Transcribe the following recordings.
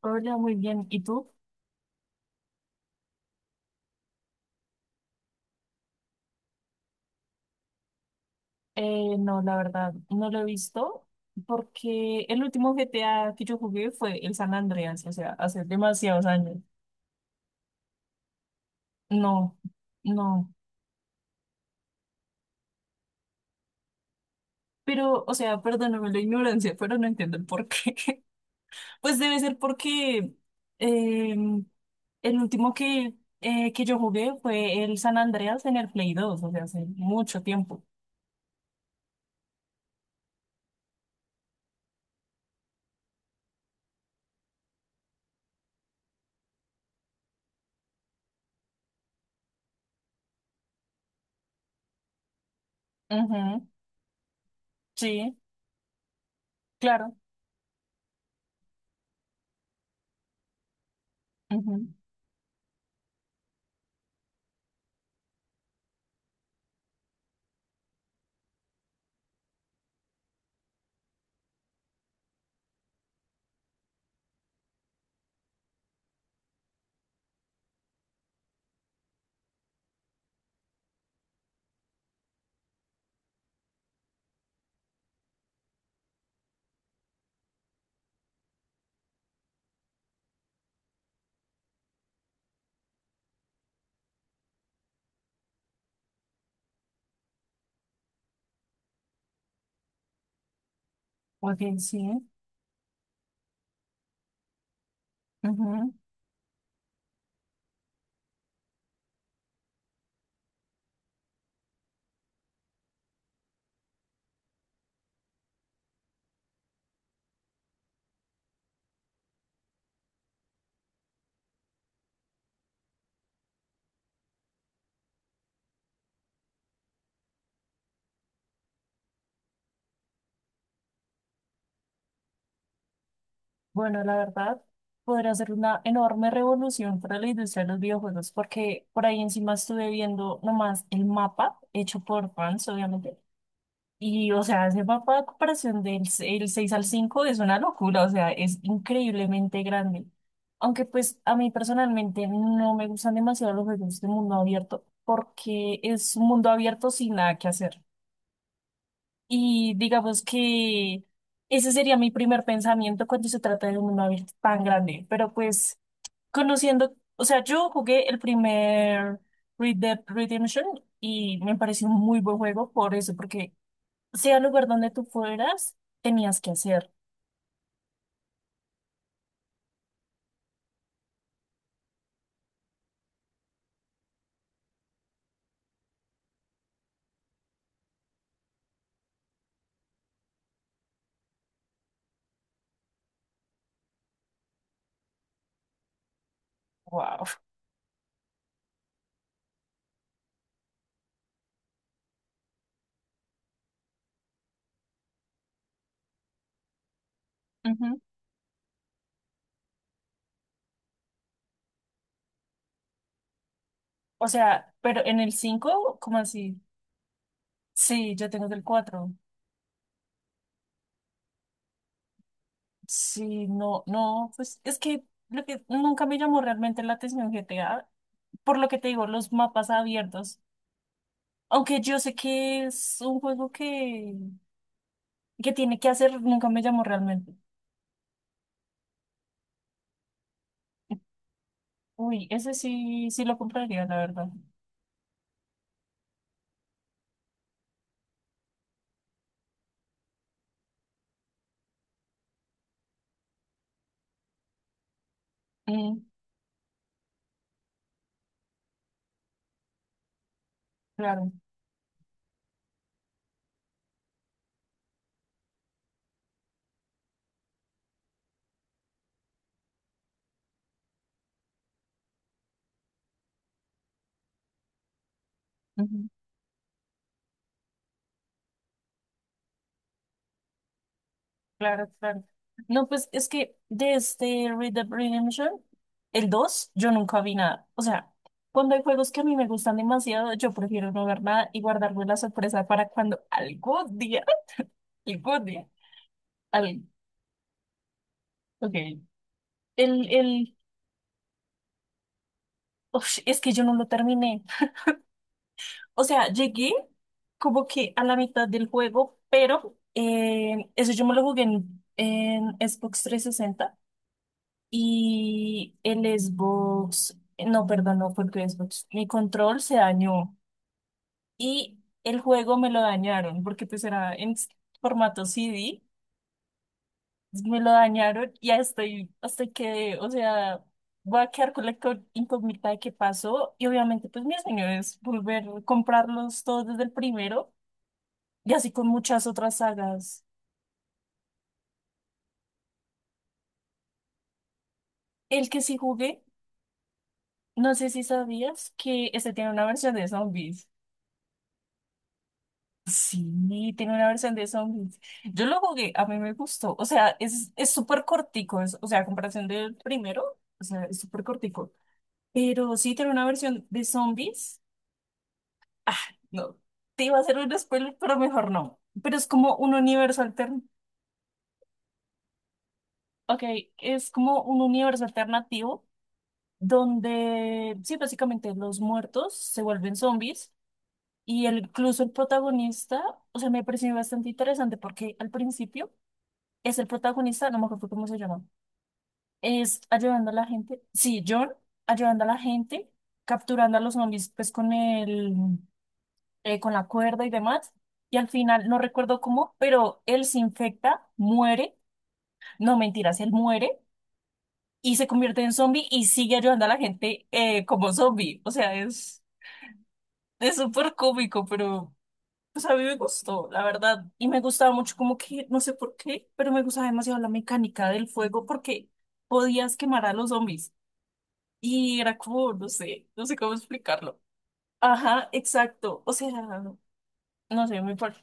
Hola, muy bien. ¿Y tú? No, la verdad, no lo he visto porque el último GTA que yo jugué fue el San Andreas, o sea, hace demasiados años. No, no. Pero, o sea, perdóname la ignorancia, pero no entiendo el por qué. Pues debe ser porque eh, el último que, que yo jugué fue el San Andreas en el Play dos, o sea, hace mucho tiempo. Ujú. Sí, claro. Ujú. Ok, sí. Ujú. Bueno, la verdad, podría ser una enorme revolución para la industria de los videojuegos, porque por ahí encima estuve viendo nomás el mapa hecho por fans, obviamente. Y, o sea, ese mapa de comparación el 6 al 5 es una locura, o sea, es increíblemente grande. Aunque, pues, a mí personalmente no me gustan demasiado los juegos de mundo abierto, porque es un mundo abierto sin nada que hacer. Y digamos que ese sería mi primer pensamiento cuando se trata de un mundo tan grande. Pero pues conociendo, o sea, yo jugué el primer Red Dead Redemption y me pareció un muy buen juego por eso, porque sea el lugar donde tú fueras, tenías que hacer. Wow. Ujú. O sea, pero en el cinco, ¿cómo así? Sí, yo tengo del cuatro. Sí, no, no, pues es que lo que nunca me llamó realmente la atención GTA por lo que te digo, los mapas abiertos. Aunque yo sé que es un juego que, tiene que hacer, nunca me llamó realmente. Uy, ese sí, sí lo compraría, la verdad. Mm, claro, ujú, claro, claro. No, pues es que de este Red Dead Redemption, el 2 yo nunca vi nada. O sea, cuando hay juegos que a mí me gustan demasiado, yo prefiero no ver nada y guardarme la sorpresa para cuando algún día, algún día, al, ok. El, el, Uf, es que yo no lo terminé. O sea, llegué como que a la mitad del juego, pero eso yo me lo jugué en Xbox 360 y el Xbox, no, perdón, no fue el Xbox, mi control se dañó y el juego me lo dañaron porque pues era en formato CD, me lo dañaron y ya estoy, hasta que, o sea, voy a quedar con la incógnita de qué pasó y obviamente pues mi sueño es volver a comprarlos todos desde el primero. Y así con muchas otras sagas. El que sí jugué, no sé si sabías que este tiene una versión de zombies. Sí, tiene una versión de zombies. Yo lo jugué, a mí me gustó. O sea, es súper cortico. Es, o sea, a comparación del primero, o sea, es súper cortico. Pero sí tiene una versión de zombies. Ah, no. Te iba a hacer un spoiler, pero mejor no. Pero es como un universo alterno. Ok, es como un universo alternativo donde, sí, básicamente los muertos se vuelven zombies y el, incluso el protagonista, o sea, me pareció bastante interesante porque al principio es el protagonista, no me acuerdo cómo se llama, es ayudando a la gente, sí, John, ayudando a la gente, capturando a los zombies pues con el, con la cuerda y demás. Y al final, no recuerdo cómo, pero él se infecta, muere, no mentiras, él muere y se convierte en zombie y sigue ayudando a la gente, como zombie. O sea, es... Es súper cómico, pero pues a mí me gustó, la verdad. Y me gustaba mucho como que, no sé por qué, pero me gustaba demasiado la mecánica del fuego porque podías quemar a los zombies. Y era como, no sé, no sé cómo explicarlo. Ajá, exacto. O sea, no sé, me parece.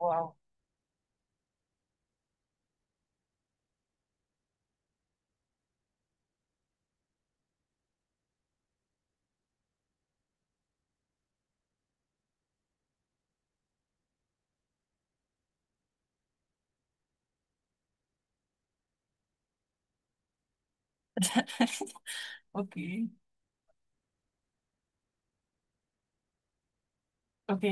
Wow. Ok, ok.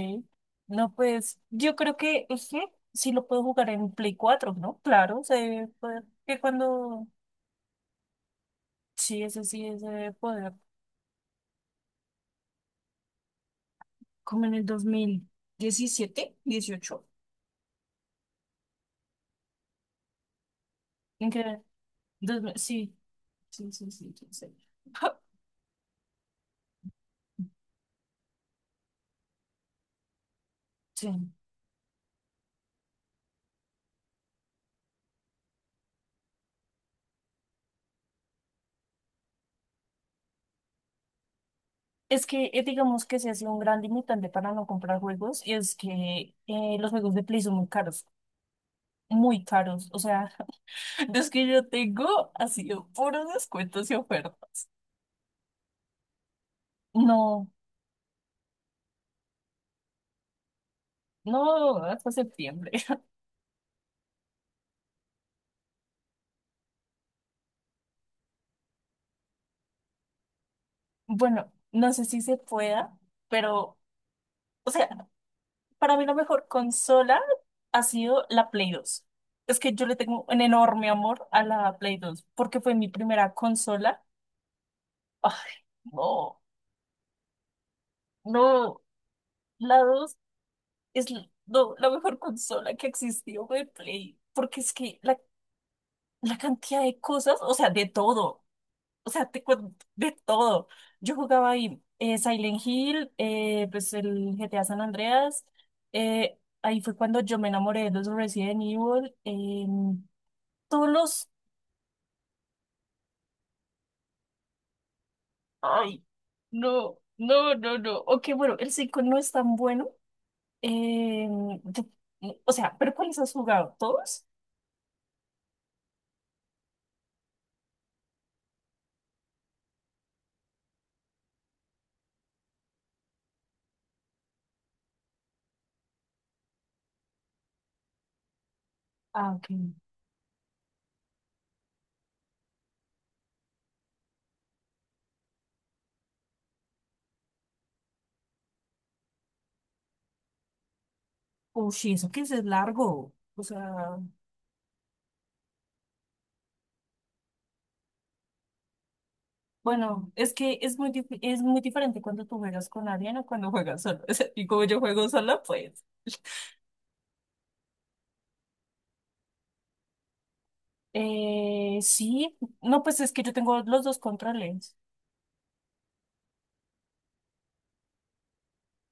No, pues yo creo que sí, sí lo puedo jugar en Play cuatro, ¿no? Claro, se debe poder. Que cuando. Sí, ese debe poder. Como en el dos mil diecisiete, dieciocho. ¿En qué? Dos mil, sí, sí, sí, sí, sí. Sí. Sí. Es que digamos que se ha sido un gran limitante para no comprar juegos, y es que los juegos de Play son muy caros, muy caros. O sea, los que yo tengo ha sido puros descuentos y ofertas. No, no, hasta septiembre. Bueno, no sé si se pueda, pero, o sea, para mí la mejor consola ha sido la Play dos. Es que yo le tengo un enorme amor a la Play 2 porque fue mi primera consola. Ay, no, no, la 2 no, la mejor consola que existió de Play, porque es que la cantidad de cosas, o sea, de todo, o sea, te cuento, de todo. Yo jugaba ahí Silent Hill, pues el GTA San Andreas, ahí fue cuando yo me enamoré de los Resident Evil. Todos los... Ay, no, no, no, no. Ok, bueno, el 5 no es tan bueno. Eh, yo- o sea, ¿pero cuáles has jugado? ¿Todos? Ah, ok. Uy, sí, eso que es largo. O sea, bueno, es que es es muy diferente cuando tú juegas con alguien o cuando juegas solo. O sea, y como yo juego sola, pues... Sí, no, pues es que yo tengo los dos controles.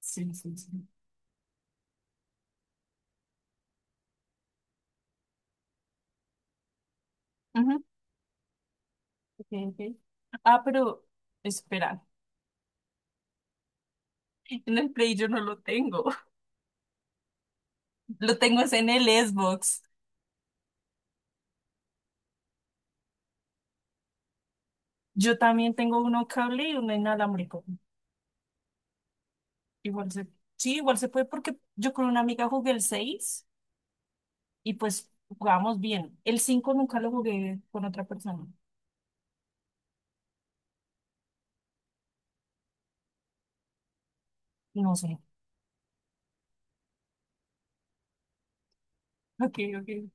Sí, sí, sí. Ujú, ok, ok. Ah, pero espera, en el Play yo no lo tengo. Lo tengo es en el Xbox. Yo también tengo uno cable y uno inalámbrico. Igual se, sí, igual se puede porque yo con una amiga jugué el 6 y pues jugábamos bien. El 5 nunca lo jugué con otra persona. No sé. Ok, ok.